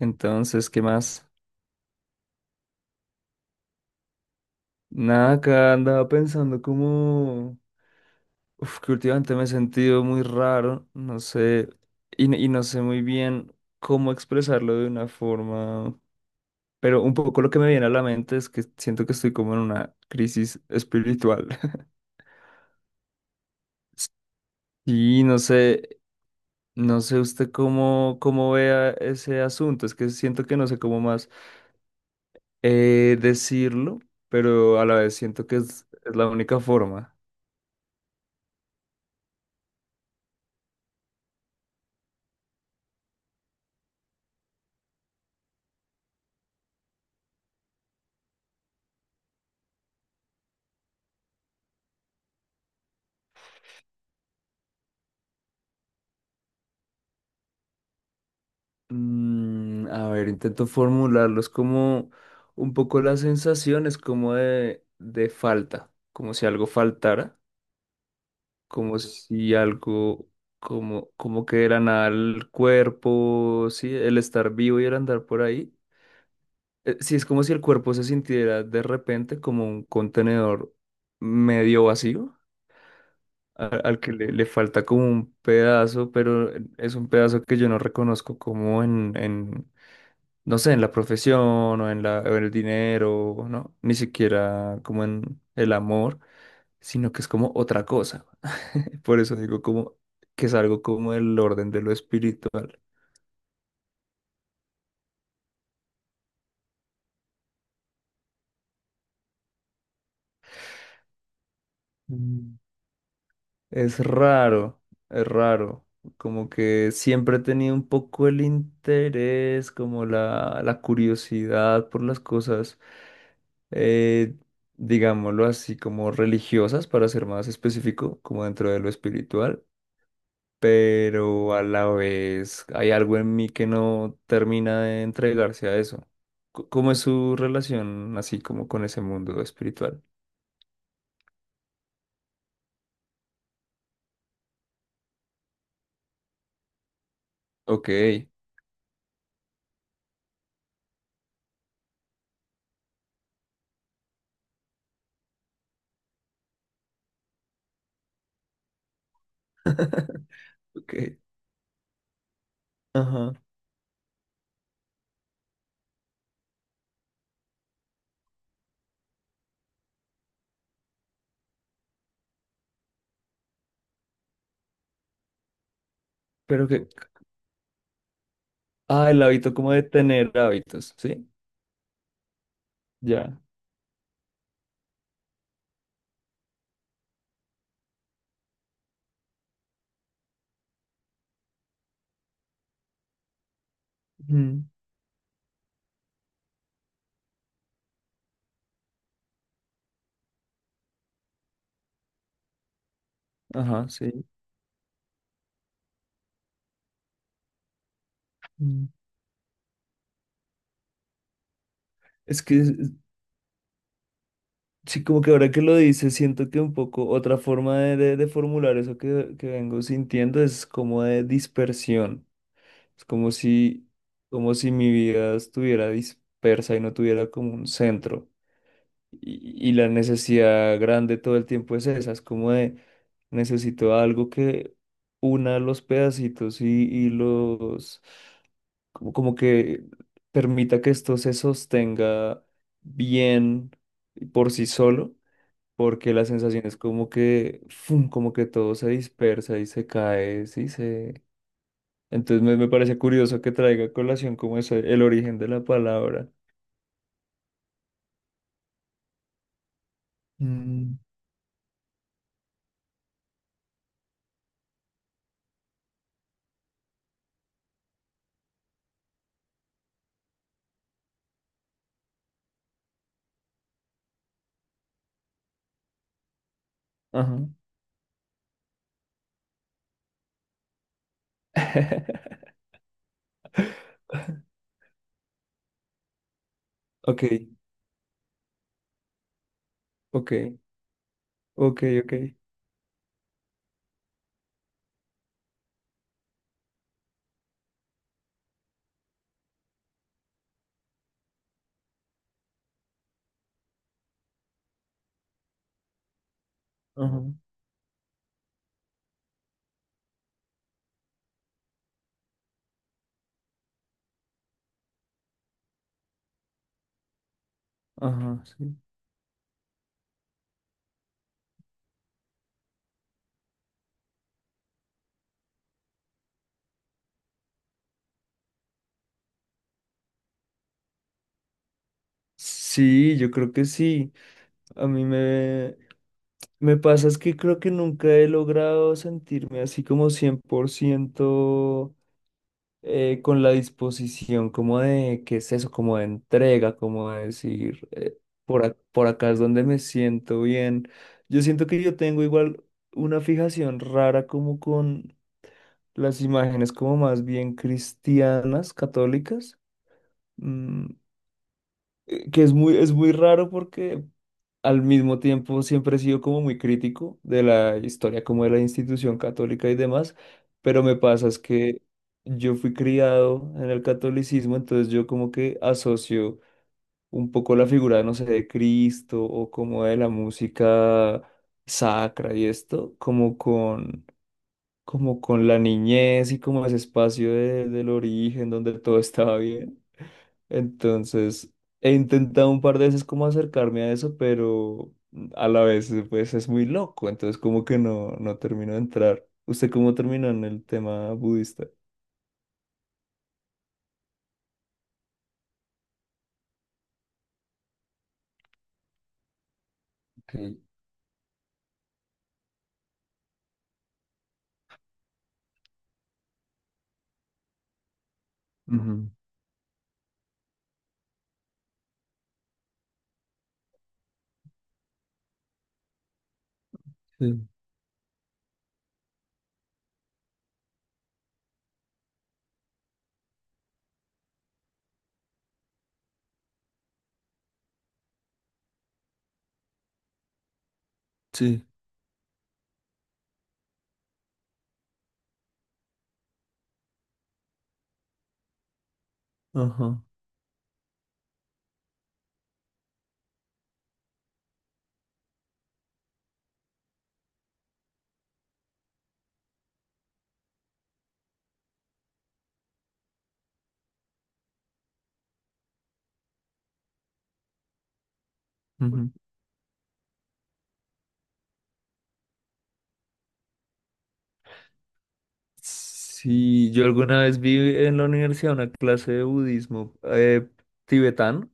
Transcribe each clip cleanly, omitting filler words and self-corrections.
Entonces, ¿qué más? Nada, acá andaba pensando como... que últimamente me he sentido muy raro, no sé, y no sé muy bien cómo expresarlo de una forma, pero un poco lo que me viene a la mente es que siento que estoy como en una crisis espiritual. Y no sé, no sé usted cómo, cómo vea ese asunto, es que siento que no sé cómo más decirlo, pero a la vez siento que es la única forma. A ver, intento formularlos como un poco las sensaciones como de falta, como si algo faltara, como si algo, como, como que de la nada el cuerpo, sí, el estar vivo y el andar por ahí. Sí, es como si el cuerpo se sintiera de repente como un contenedor medio vacío, al que le falta como un pedazo, pero es un pedazo que yo no reconozco como en no sé, en la profesión o en la, o en el dinero, ¿no? Ni siquiera como en el amor, sino que es como otra cosa. Por eso digo como que es algo como el orden de lo espiritual. Mm. Es raro, es raro. Como que siempre he tenido un poco el interés, como la curiosidad por las cosas, eh, digámoslo así, como religiosas, para ser más específico, como dentro de lo espiritual, pero a la vez hay algo en mí que no termina de entregarse a eso. ¿Cómo es su relación así como con ese mundo espiritual? Ok, ok, ajá, pero que, ah, el hábito como de tener hábitos, ¿sí? Ya, mm, ajá, sí. Mm. Es que, es- sí, como que ahora que lo dices, siento que un poco otra forma de formular eso que vengo sintiendo es como de dispersión. Es como si mi vida estuviera dispersa y no tuviera como un centro. Y la necesidad grande todo el tiempo es esa, es como de necesito algo que una los pedacitos y los, como, como que permita que esto se sostenga bien por sí solo, porque la sensación es como que, fum, como que todo se dispersa y se cae, sí, entonces me parece curioso que traiga a colación como eso, el origen de la palabra. Mm. Ajá. Ok, ok, ok, ok. Ajá, ajá, sí. Sí, yo creo que sí. A mí me, me pasa es que creo que nunca he logrado sentirme así como 100%. Con la disposición como de, ¿qué es eso? Como de entrega, como de decir, por acá es donde me siento bien. Yo siento que yo tengo igual una fijación rara como con las imágenes como más bien cristianas, católicas. Mm, que es muy raro porque al mismo tiempo siempre he sido como muy crítico de la historia, como de la institución católica y demás, pero me pasa es que yo fui criado en el catolicismo, entonces yo como que asocio un poco la figura, no sé, de Cristo o como de la música sacra y esto, como con la niñez y como ese espacio del origen donde todo estaba bien. Entonces, he intentado un par de veces como acercarme a eso, pero a la vez pues es muy loco, entonces como que no, no termino de entrar. ¿Usted cómo terminó en el tema budista? Okay. Ujú, sí, sí, ajá. Ujú. Sí, yo alguna vez vi en la universidad una clase de budismo tibetano.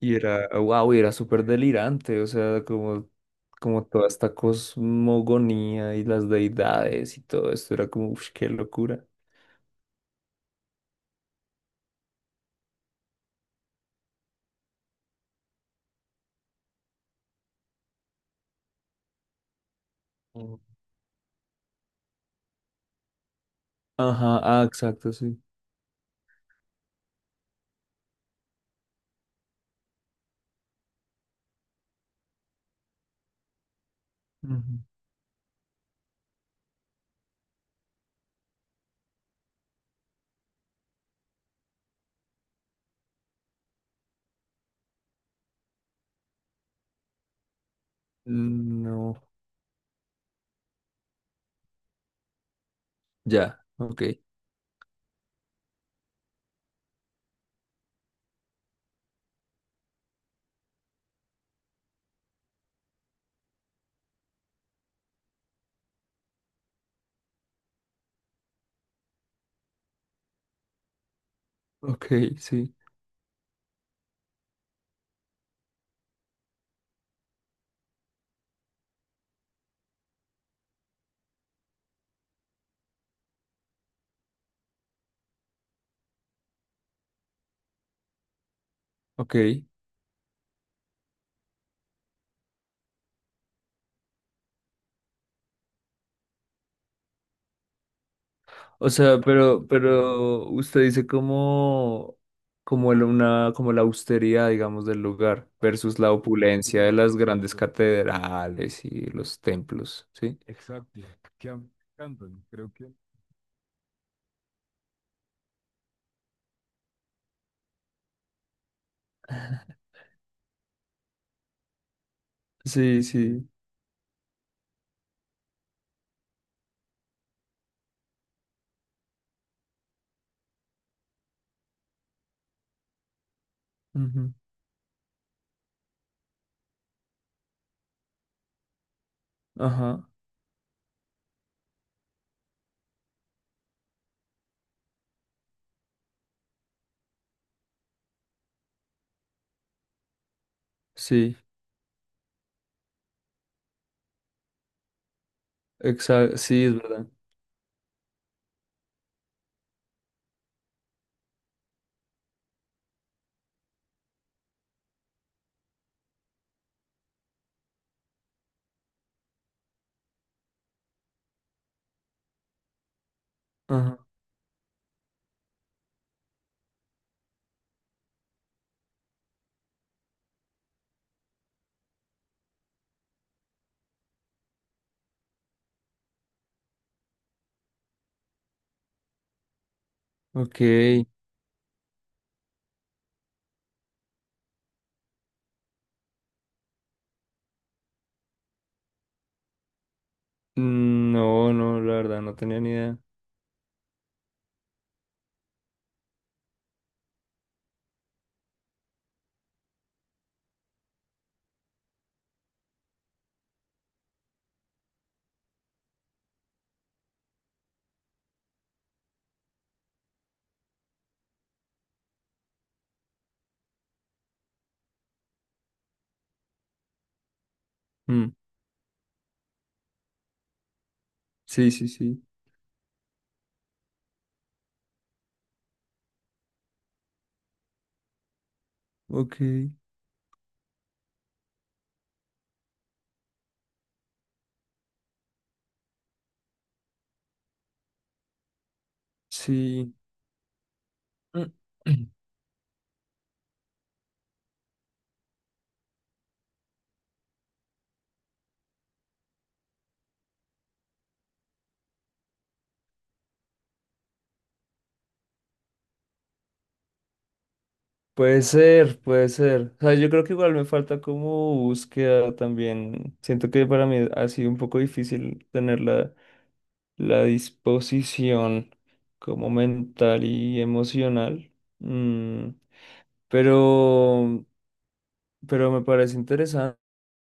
Y era, wow, era súper delirante, o sea, como, como toda esta cosmogonía y las deidades y todo esto, era como, uff, qué locura. Mm. Ajá, ah, exacto, sí. Ujú. No, ya, ok, ok, sí, ok. O sea, pero usted dice como, como la austeridad, digamos, del lugar versus la opulencia de las grandes catedrales y los templos, ¿sí? Sí, sí. Ajá, sí, exacto, sí, es verdad. Ajá, ok. Mm, no, no, la verdad, no tenía ni idea. Mm, sí, sí, sí. Ok, sí. Mm. Puede ser, puede ser. O sea, yo creo que igual me falta como búsqueda también. Siento que para mí ha sido un poco difícil tener la, la disposición como mental y emocional. Mm, pero, pero me parece interesante.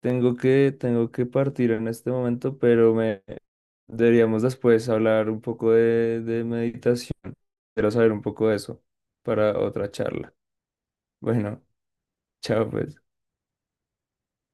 Tengo que partir en este momento, pero me deberíamos después hablar un poco de meditación. Quiero saber un poco de eso para otra charla. Bueno, chao pues.